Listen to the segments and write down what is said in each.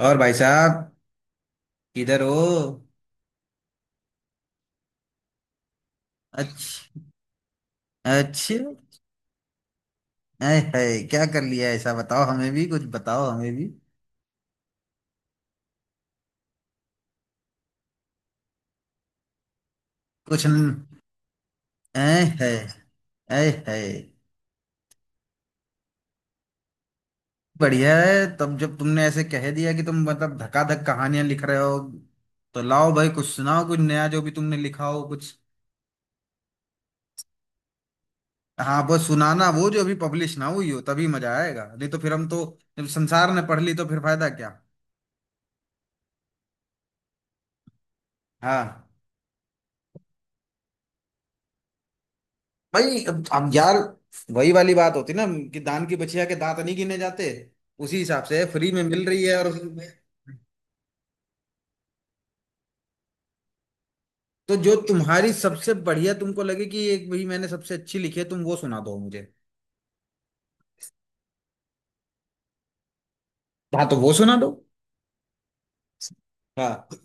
और भाई साहब, किधर हो? अच्छा। अच्छा। ऐ है, क्या कर लिया ऐसा? बताओ हमें भी, कुछ बताओ हमें भी कुछ। ऐ है। ऐ है। बढ़िया है तब जब तुमने ऐसे कह दिया कि तुम मतलब धकाधक कहानियां लिख रहे हो। तो लाओ भाई, कुछ सुनाओ, कुछ नया जो भी तुमने लिखा हो कुछ। हाँ, वो सुनाना, वो जो अभी पब्लिश ना हुई हो, तभी मजा आएगा। नहीं तो फिर हम तो, जब संसार ने पढ़ ली तो फिर फायदा क्या। हाँ। भाई अब यार, वही वाली बात होती ना कि दान की बचिया के दांत नहीं गिने जाते। उसी हिसाब से फ्री में मिल रही है और तो जो तुम्हारी सबसे बढ़िया तुमको लगे कि एक, भाई मैंने सबसे अच्छी लिखी है, तुम वो सुना दो मुझे। हाँ तो वो सुना दो। हाँ।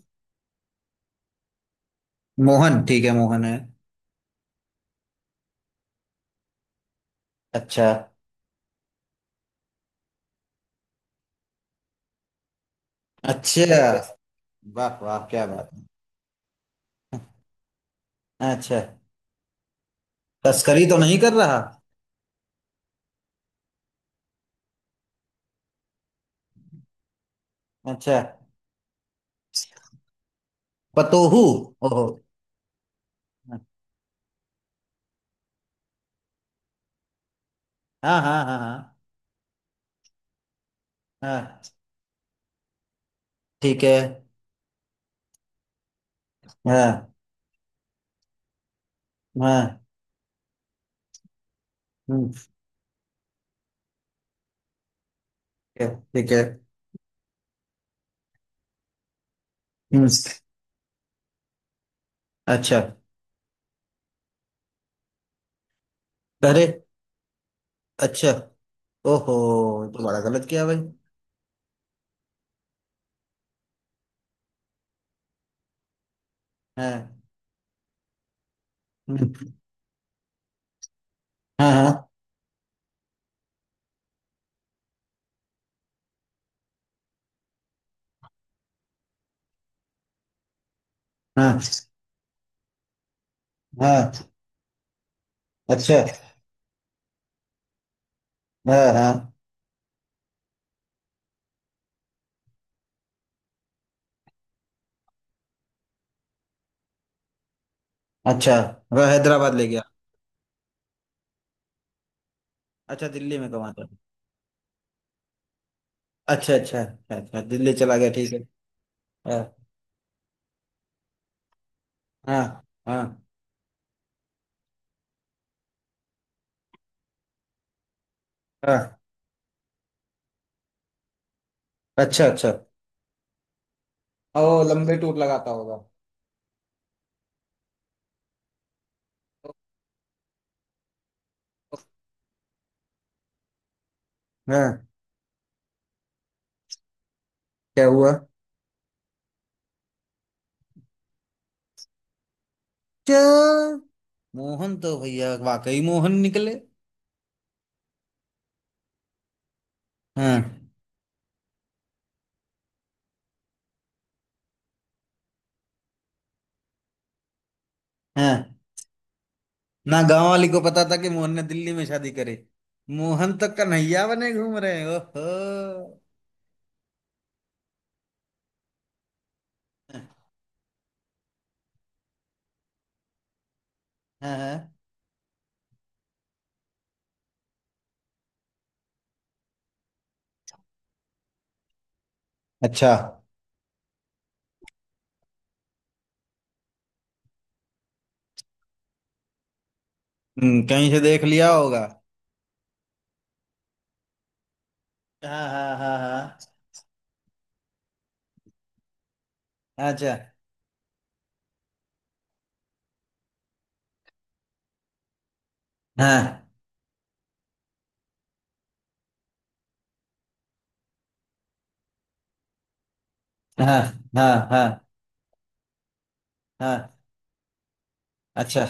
मोहन ठीक है, मोहन है। अच्छा। अच्छा। वाह वाह, क्या बात है। अच्छा। तस्करी तो नहीं कर रहा? अच्छा। पतोहू। ओहो। हाँ हाँ हाँ हाँ। हाँ। ठीक है। हाँ। हाँ। हम्म। ठीक है। ठीक है। हम्म। अच्छा। अरे। अच्छा। ओहो। ये तो बड़ा गलत किया भाई। हाँ। हम्म। हाँ हाँ। हाँ हाँ। अच्छा। हाँ हाँ। अच्छा। वह हैदराबाद ले गया? अच्छा, दिल्ली में कमा था। अच्छा अच्छा अच्छा अच्छा, दिल्ली चला गया ठीक है। हाँ। हाँ हाँ। हाँ। अच्छा अच्छा। ओ, लंबे टूर लगाता होगा। हाँ। क्या हुआ? क्या? मोहन तो भैया वाकई मोहन निकले। हाँ। हाँ। ना गांव वाली को पता था कि मोहन ने दिल्ली में शादी करे। मोहन तो कन्हैया बने घूम रहे हैं, ओहो। हाँ हाँ। अच्छा। कहीं से देख लिया होगा। हाँ हाँ हाँ हाँ। अच्छा। हाँ हाँ हाँ हाँ। हाँ। अच्छा।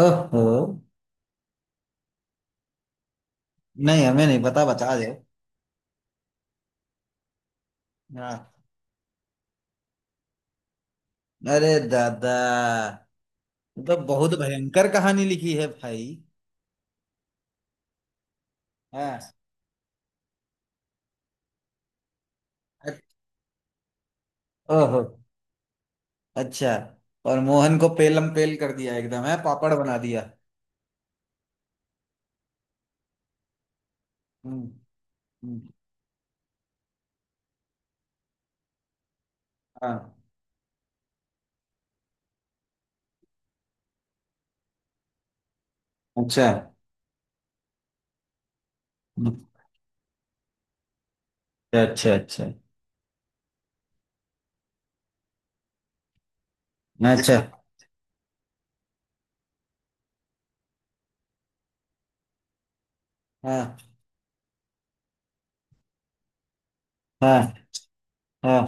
ओहो। नहीं, हमें नहीं पता, बता दो। हाँ। अरे दादा। ये तो बहुत भयंकर कहानी लिखी है भाई। हाँ। अ- ओहो। अच्छा। और मोहन को पेलम पेल कर दिया, एकदम है, पापड़ बना दिया। हम्म। हम्म। हाँ। अच्छा। हम्म। अच्छा अच्छा अच्छा। हाँ हाँ हाँ।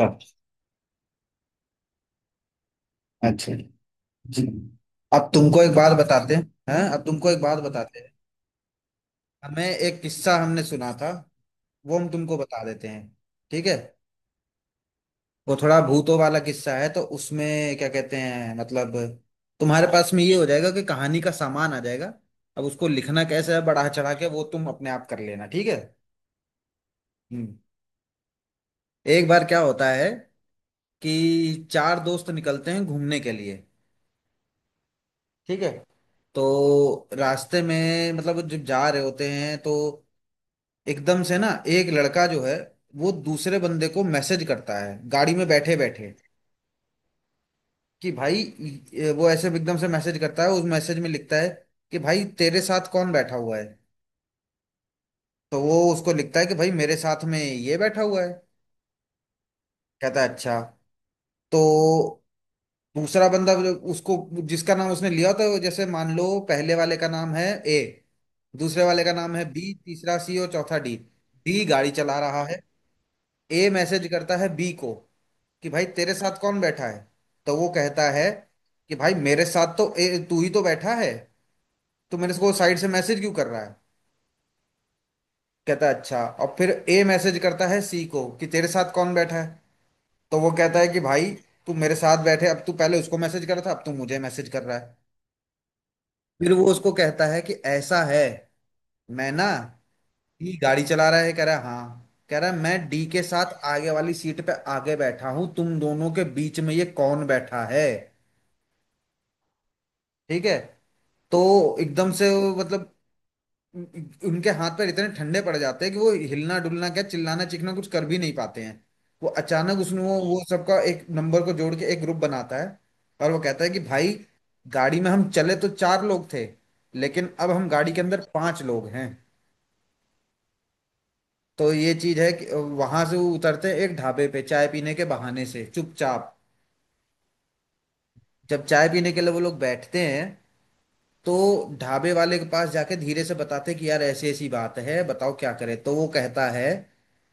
अब, अच्छा। जी। अब तुमको एक बात बताते हैं। हैं? अब तुमको एक बात बताते हैं। हमें एक किस्सा हमने सुना था, वो हम तुमको बता देते हैं, ठीक है। वो थोड़ा भूतों वाला किस्सा है तो उसमें, क्या कहते हैं मतलब, तुम्हारे पास में ये हो जाएगा कि कहानी का सामान आ जाएगा। अब उसको लिखना कैसे है, बढ़ा चढ़ा के वो तुम अपने आप कर लेना, ठीक है। हम्म। एक बार क्या होता है कि चार दोस्त निकलते हैं घूमने के लिए, ठीक है। तो रास्ते में मतलब जब जा रहे होते हैं तो एकदम से ना, एक लड़का जो है वो दूसरे बंदे को मैसेज करता है गाड़ी में बैठे बैठे कि भाई वो ऐसे एकदम से मैसेज करता है, उस मैसेज में लिखता है कि भाई तेरे साथ कौन बैठा हुआ है। तो वो उसको लिखता है कि भाई मेरे साथ में ये बैठा हुआ है। कहता है अच्छा। तो दूसरा बंदा जो उसको, जिसका नाम उसने लिया था, वो जैसे मान लो पहले वाले का नाम है ए, दूसरे वाले का नाम है बी, तीसरा सी और चौथा डी। डी गाड़ी चला रहा है। ए मैसेज करता है बी को कि भाई तेरे साथ कौन बैठा है। तो वो कहता है कि भाई मेरे साथ तो ए तू ही तो बैठा है, तो मेरे को साइड से मैसेज क्यों कर रहा है। कहता है अच्छा। और फिर ए मैसेज करता है सी को कि तेरे साथ कौन बैठा है। तो वो कहता है कि भाई तू मेरे साथ बैठे, अब तू पहले उसको मैसेज कर रहा था, अब तू मुझे मैसेज कर रहा है। फिर वो उसको कहता है कि ऐसा है, मैं ना ही गाड़ी चला रहा है, कह रहा है हाँ, कह रहा है मैं डी के साथ आगे वाली सीट पे आगे बैठा हूँ, तुम दोनों के बीच में ये कौन बैठा है। ठीक है। तो एकदम से वो मतलब, उनके हाथ पर इतने ठंडे पड़ जाते हैं कि वो हिलना डुलना क्या, चिल्लाना चीखना कुछ कर भी नहीं पाते हैं। वो अचानक उसने वो सबका एक नंबर को जोड़ के एक ग्रुप बनाता है, और वो कहता है कि भाई, गाड़ी में हम चले तो चार लोग थे, लेकिन अब हम गाड़ी के अंदर पांच लोग हैं। तो ये चीज है कि वहां से वो उतरते हैं एक ढाबे पे चाय पीने के बहाने से चुपचाप। जब चाय पीने के लिए वो लोग बैठते हैं तो ढाबे वाले के पास जाके धीरे से बताते कि यार ऐसी ऐसी बात है, बताओ क्या करें। तो वो कहता है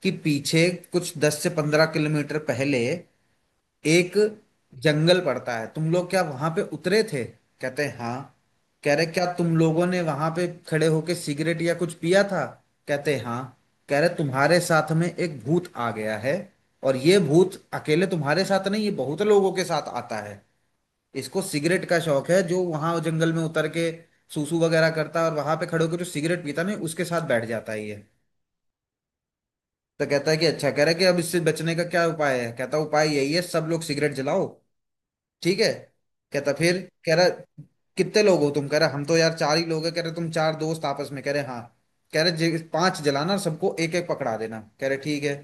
कि पीछे कुछ 10 से 15 किलोमीटर पहले एक जंगल पड़ता है, तुम लोग क्या वहां पे उतरे थे? कहते हैं हाँ। कह रहे क्या तुम लोगों ने वहां पे खड़े होके सिगरेट या कुछ पिया था? कहते हैं हाँ। कह रहे तुम्हारे साथ में एक भूत आ गया है, और ये भूत अकेले तुम्हारे साथ नहीं, ये बहुत लोगों के साथ आता है। इसको सिगरेट का शौक है, जो वहां जंगल में उतर के सूसू वगैरह करता है और वहां पे खड़े होकर जो सिगरेट पीता नहीं उसके साथ बैठ जाता है ये। तो कहता है कि अच्छा, कह रहा है कि अब इससे बचने का क्या उपाय है? कहता है उपाय यही है सब लोग सिगरेट जलाओ, ठीक है। कहता फिर, कह रहा कितने लोग हो तुम? कह रहा हम तो यार चार ही लोग है। कह रहे तुम चार दोस्त आपस में, कह रहे हाँ। कह रहे पांच जलाना, सबको एक एक पकड़ा देना, कह रहे ठीक है।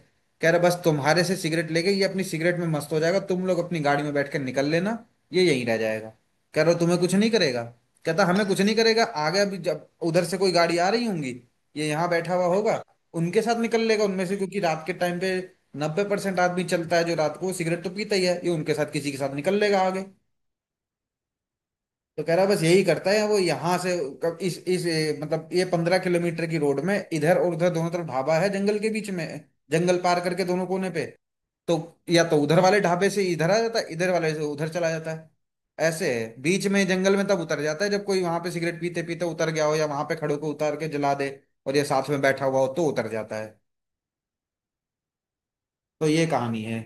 कह रहे बस तुम्हारे से सिगरेट लेके ये अपनी सिगरेट में मस्त हो जाएगा, तुम लोग अपनी गाड़ी में बैठ कर निकल लेना, ये यहीं रह जाएगा। कह रहे तुम्हें कुछ नहीं करेगा। कहता हमें कुछ नहीं करेगा? आगे अभी जब उधर से कोई गाड़ी आ रही होंगी, ये यहाँ बैठा हुआ होगा, उनके साथ निकल लेगा उनमें से, क्योंकि रात के टाइम पे 90% आदमी चलता है जो रात को सिगरेट तो पीता ही है, ये उनके साथ किसी के साथ निकल लेगा आगे। तो कह रहा है बस यही करता है वो यहाँ से कब इस ए, मतलब ये 15 किलोमीटर की रोड में इधर और उधर दोनों तरफ ढाबा है जंगल के बीच में, जंगल पार करके दोनों कोने पे। तो या तो उधर वाले ढाबे से इधर आ जाता है, इधर वाले से उधर चला जाता है। ऐसे है, बीच में जंगल में तब उतर जाता है जब कोई वहां पे सिगरेट पीते पीते उतर गया हो या वहां पे खड़े को उतार के जला दे और ये साथ में बैठा हुआ हो तो उतर जाता है। तो ये कहानी है।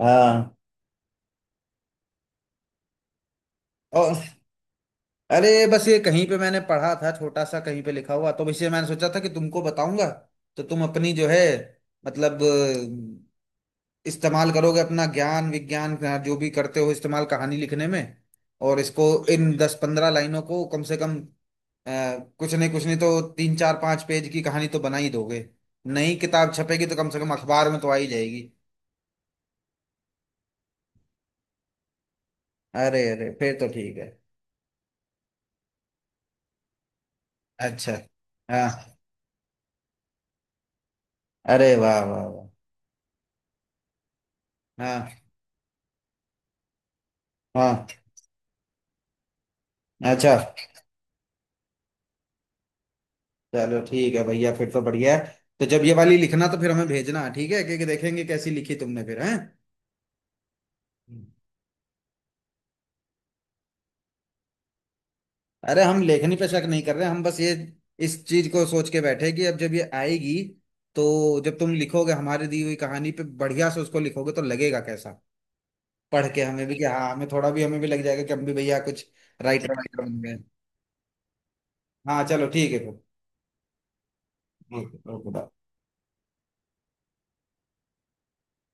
हाँ। और, अरे बस ये कहीं पे मैंने पढ़ा था, छोटा सा कहीं पे लिखा हुआ, तो इसलिए मैंने सोचा था कि तुमको बताऊंगा। तो तुम अपनी जो है, मतलब इस्तेमाल करोगे, अपना ज्ञान विज्ञान का जो भी करते हो इस्तेमाल, कहानी लिखने में। और इसको इन 10 15 लाइनों को कम से कम, अ, कुछ नहीं तो तीन चार पांच पेज की कहानी तो बना ही दोगे। नई किताब छपेगी तो कम से कम अखबार में तो आ ही जाएगी। अरे अरे फिर तो ठीक है। अच्छा। हाँ। अरे वाह वाह वाह। हाँ। हाँ। अच्छा। चलो ठीक है भैया, फिर तो बढ़िया है। तो जब ये वाली लिखना तो फिर हमें भेजना, ठीक है, क्योंकि देखेंगे कैसी लिखी तुमने फिर है। हम्म। अरे हम लेखनी पे शक नहीं कर रहे, हम बस ये इस चीज को सोच के बैठे कि अब जब ये आएगी, तो जब तुम लिखोगे हमारी दी हुई कहानी पे बढ़िया से उसको लिखोगे तो लगेगा कैसा, पढ़ के हमें भी, कि हाँ हमें थोड़ा भी, हमें भी लग जाएगा कि हम भी भैया कुछ राइटर वाइटर बन गए। हाँ चलो ठीक है फिर। Okay okay bye।